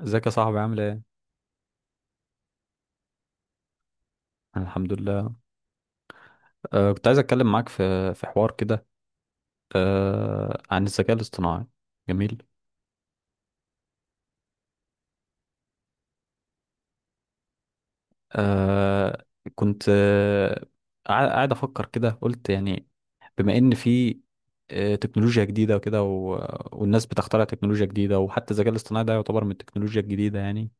ازيك يا صاحبي، عامل ايه؟ أنا الحمد لله. كنت عايز اتكلم معاك في حوار كده، عن الذكاء الاصطناعي. جميل. أه كنت، قاعد افكر كده، قلت يعني بما ان في تكنولوجيا جديده وكده، والناس بتخترع تكنولوجيا جديده، وحتى الذكاء الاصطناعي ده يعتبر من التكنولوجيا الجديده يعني.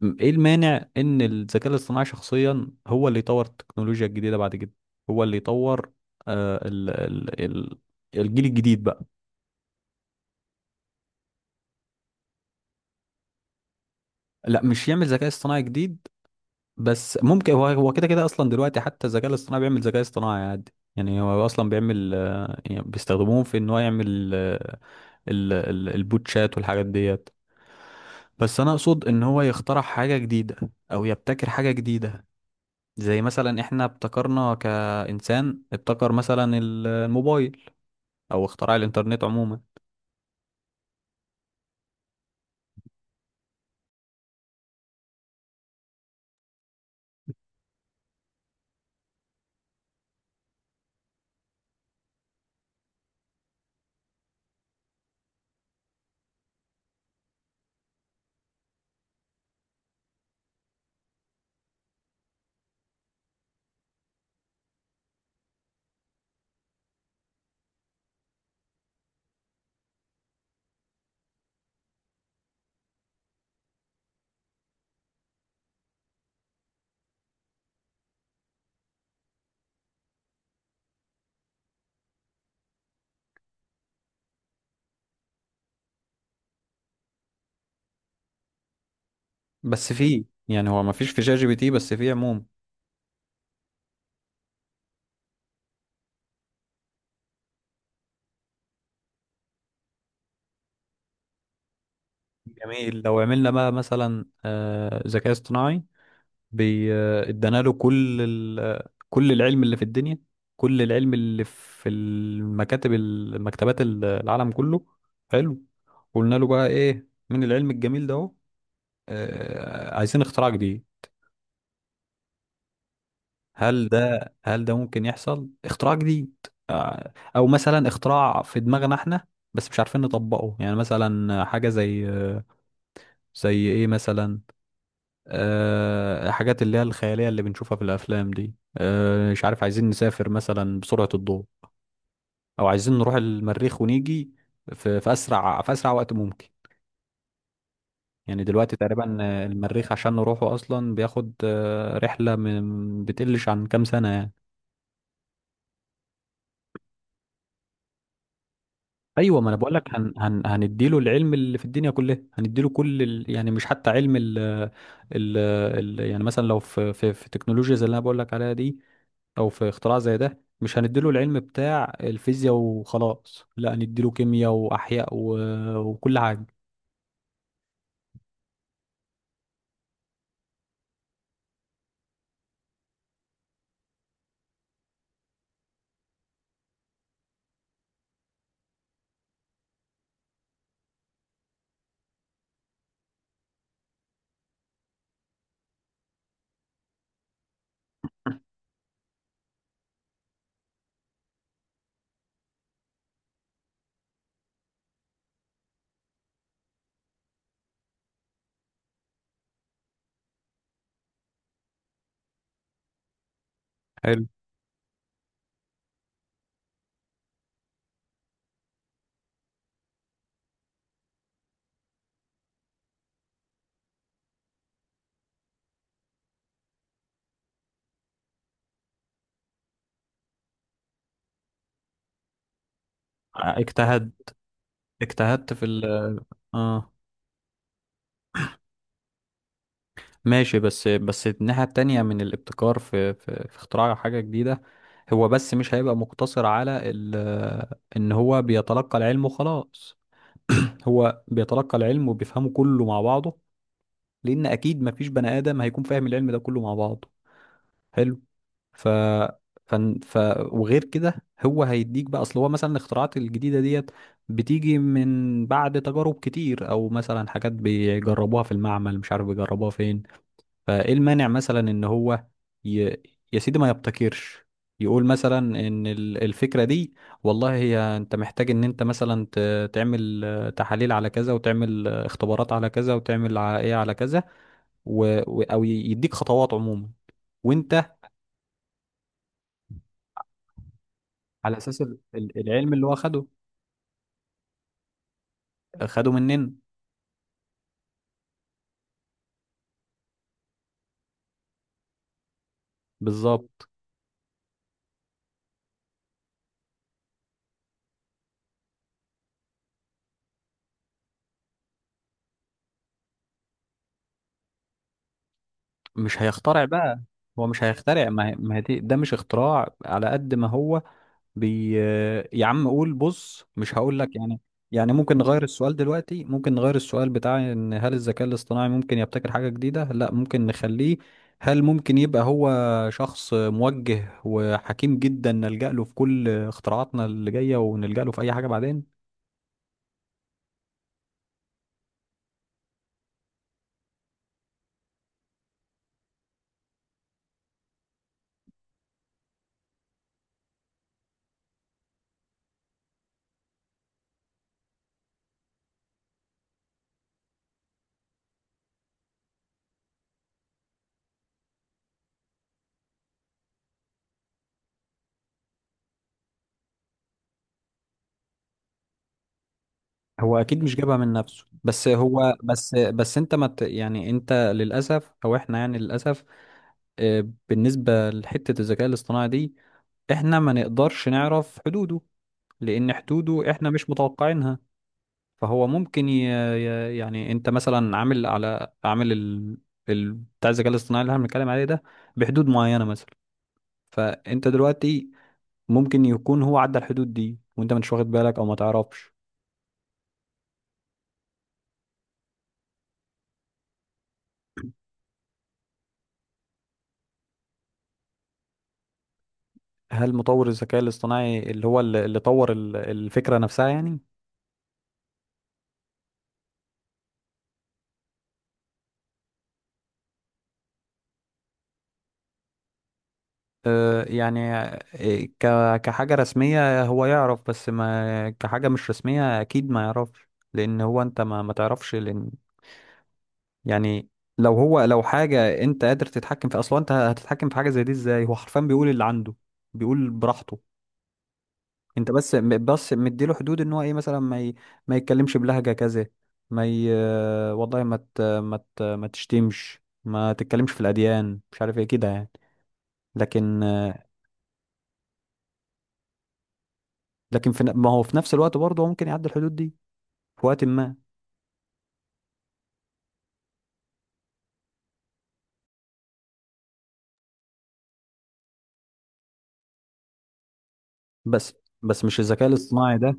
ايه المانع ان الذكاء الاصطناعي شخصيا هو اللي يطور التكنولوجيا الجديده بعد كده؟ هو اللي يطور أه ال ال ال الجيل الجديد بقى. لا، مش يعمل ذكاء اصطناعي جديد، بس ممكن هو كده كده اصلا. دلوقتي حتى الذكاء الاصطناعي بيعمل ذكاء اصطناعي عادي يعني. هو اصلا بيعمل، يعني بيستخدموه في ان هو يعمل، البوتشات والحاجات ديت. بس انا اقصد ان هو يخترع حاجة جديدة، او يبتكر حاجة جديدة، زي مثلا احنا ابتكرنا كإنسان، ابتكر مثلا الموبايل، او اختراع الانترنت عموما. بس في يعني، هو ما فيش في شات جي بي تي، بس في عموما. جميل. لو عملنا بقى مثلا ذكاء اصطناعي، بي- ادانا له كل ال... كل العلم اللي في الدنيا، كل العلم اللي في المكتبات، العالم كله. حلو. قلنا له بقى، ايه، من العلم الجميل ده اهو، عايزين اختراع جديد. هل ده ممكن يحصل اختراع جديد؟ او مثلا اختراع في دماغنا احنا بس مش عارفين نطبقه، يعني مثلا حاجة زي، زي ايه مثلا؟ حاجات اللي هي الخيالية اللي بنشوفها في الأفلام دي. مش عارف، عايزين نسافر مثلا بسرعة الضوء، أو عايزين نروح المريخ ونيجي في أسرع وقت ممكن. يعني دلوقتي تقريبا، المريخ عشان نروحه أصلا بياخد رحلة من بتقلش عن كام سنة يعني. أيوة، ما أنا بقول لك، هن هن هنديله العلم اللي في الدنيا كلها، هنديله كل ال، يعني مش حتى علم ال، يعني مثلا لو في تكنولوجيا زي اللي أنا بقول لك عليها دي، او في اختراع زي ده، مش هنديله العلم بتاع الفيزياء وخلاص، لا، نديله كيمياء واحياء، وكل حاجه. حلو. اجتهد، اجتهدت في ال. اه. ماشي، بس بس الناحيه التانية من الابتكار، في اختراع حاجه جديده، هو بس مش هيبقى مقتصر على ان هو بيتلقى العلم وخلاص. هو بيتلقى العلم وبيفهمه كله مع بعضه، لان اكيد مفيش بني ادم هيكون فاهم العلم ده كله مع بعضه. حلو. ف ف, ف... وغير كده، هو هيديك بقى. اصل هو مثلا الاختراعات الجديده ديت بتيجي من بعد تجارب كتير، او مثلا حاجات بيجربوها في المعمل، مش عارف بيجربوها فين. فايه المانع مثلا ان هو، ي... يا سيدي، ما يبتكرش؟ يقول مثلا ان الفكره دي، والله هي انت محتاج ان انت مثلا تعمل تحاليل على كذا، وتعمل اختبارات على كذا، وتعمل ايه على كذا، او يديك خطوات عموما، وانت. على اساس العلم اللي هو خده. خده مننا. بالظبط. مش هيخترع بقى. هو مش هيخترع، ما هي- ما هي دي- ده مش اختراع على قد ما هو بي يا عم قول بص. مش هقول لك يعني. يعني ممكن نغير السؤال دلوقتي، ممكن نغير السؤال بتاع ان، هل الذكاء الاصطناعي ممكن يبتكر حاجة جديدة؟ لا، ممكن نخليه. هل ممكن يبقى هو شخص موجه وحكيم جدا نلجأ له في كل اختراعاتنا اللي جاية، ونلجأ له في اي حاجة بعدين؟ هو اكيد مش جابها من نفسه، بس هو، بس بس انت، ما ت- يعني انت للاسف، او احنا يعني للاسف، بالنسبه لحته الذكاء الاصطناعي دي، احنا ما نقدرش نعرف حدوده، لان حدوده احنا مش متوقعينها. فهو ممكن، يعني انت مثلا عامل، على عامل بتاع الذكاء الاصطناعي اللي احنا بنتكلم عليه ده، بحدود معينه مثلا. فانت دلوقتي ممكن يكون هو عدى الحدود دي وانت مش واخد بالك، او ما تعرفش. هل مطور الذكاء الاصطناعي اللي هو، اللي طور الفكرة نفسها يعني؟ يعني كحاجة رسمية هو يعرف، بس ما كحاجة مش رسمية أكيد ما يعرفش. لأن هو، أنت ما تعرفش، لأن يعني لو هو، لو حاجة أنت قادر تتحكم في، أصلا أنت هتتحكم في حاجة زي دي إزاي؟ هو حرفيا بيقول اللي عنده، بيقول براحته. انت بس، بس مديله حدود ان هو، ايه، مثلا ما يتكلمش بلهجة كذا، ما ي... والله ما تشتمش، ما تتكلمش في الأديان، مش عارف ايه كده يعني. لكن لكن ما هو في نفس الوقت برضه هو ممكن يعدي الحدود دي في وقت ما. بس بس مش الذكاء الاصطناعي ده،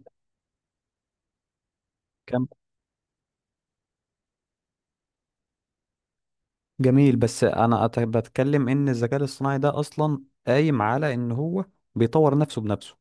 كان. جميل. بس انا بتكلم ان الذكاء الاصطناعي ده اصلا قايم على ان هو بيطور نفسه بنفسه.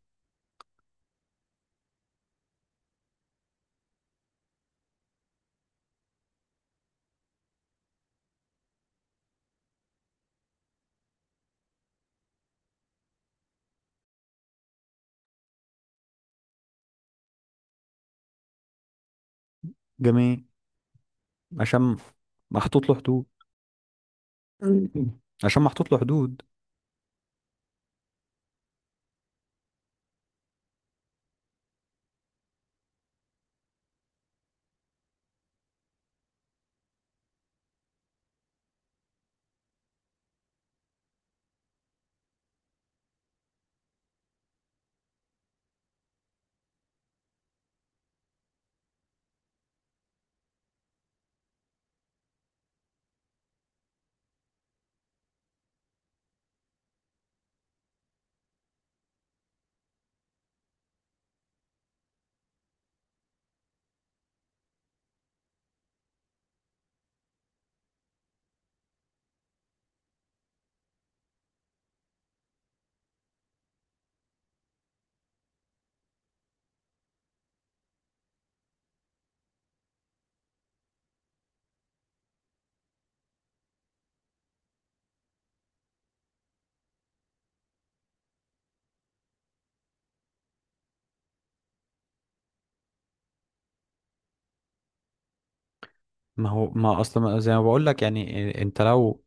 جميل. عشان محطوط له حدود. عشان محطوط له حدود. ما هو، ما اصلا زي ما بقول لك يعني، انت لو،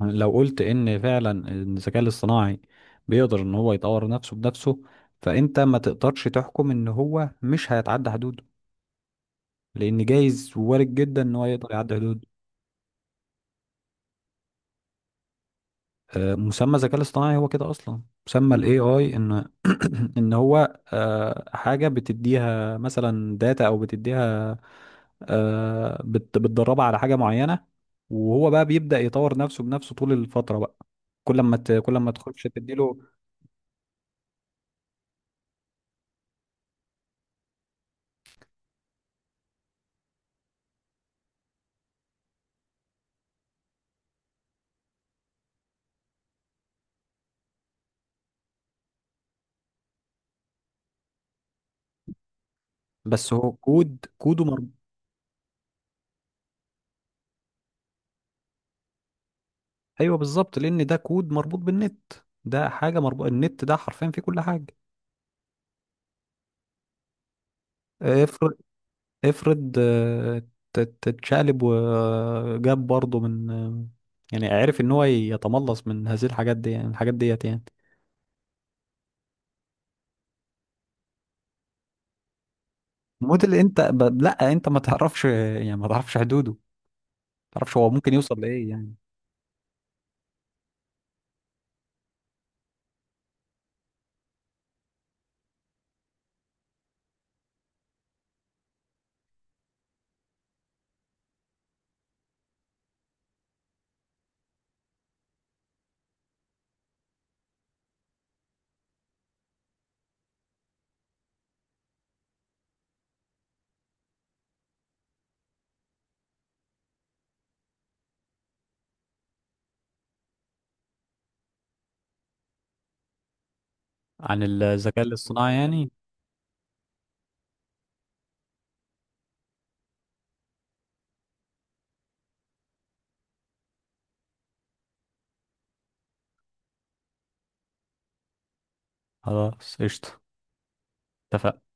لو قلت ان فعلا إن الذكاء الاصطناعي بيقدر ان هو يطور نفسه بنفسه، فانت ما تقدرش تحكم ان هو مش هيتعدى حدوده، لان جايز وارد جدا ان هو يقدر يعدي حدوده. مسمى الذكاء الاصطناعي هو كده اصلا. مسمى الاي اي ان، ان هو حاجه بتديها مثلا داتا، او بتديها بتدربه على حاجة معينة، وهو بقى بيبدأ يطور نفسه بنفسه طول الفترة بقى، كل ما تخش تديله. بس هو كود، كوده مربوط. ايوه بالظبط. لان ده كود مربوط بالنت. ده حاجة مربوط النت، ده حرفيا فيه كل حاجة. افرض، افرض تتشقلب، وجاب برضه من، يعني عرف ان هو يتملص من هذه الحاجات دي، يعني الحاجات ديت يعني. موديل انت لا، انت ما تعرفش يعني، ما تعرفش حدوده، ما تعرفش هو ممكن يوصل لايه يعني. عن الذكاء الاصطناعي يعني. خلاص قشطة. اتفقنا.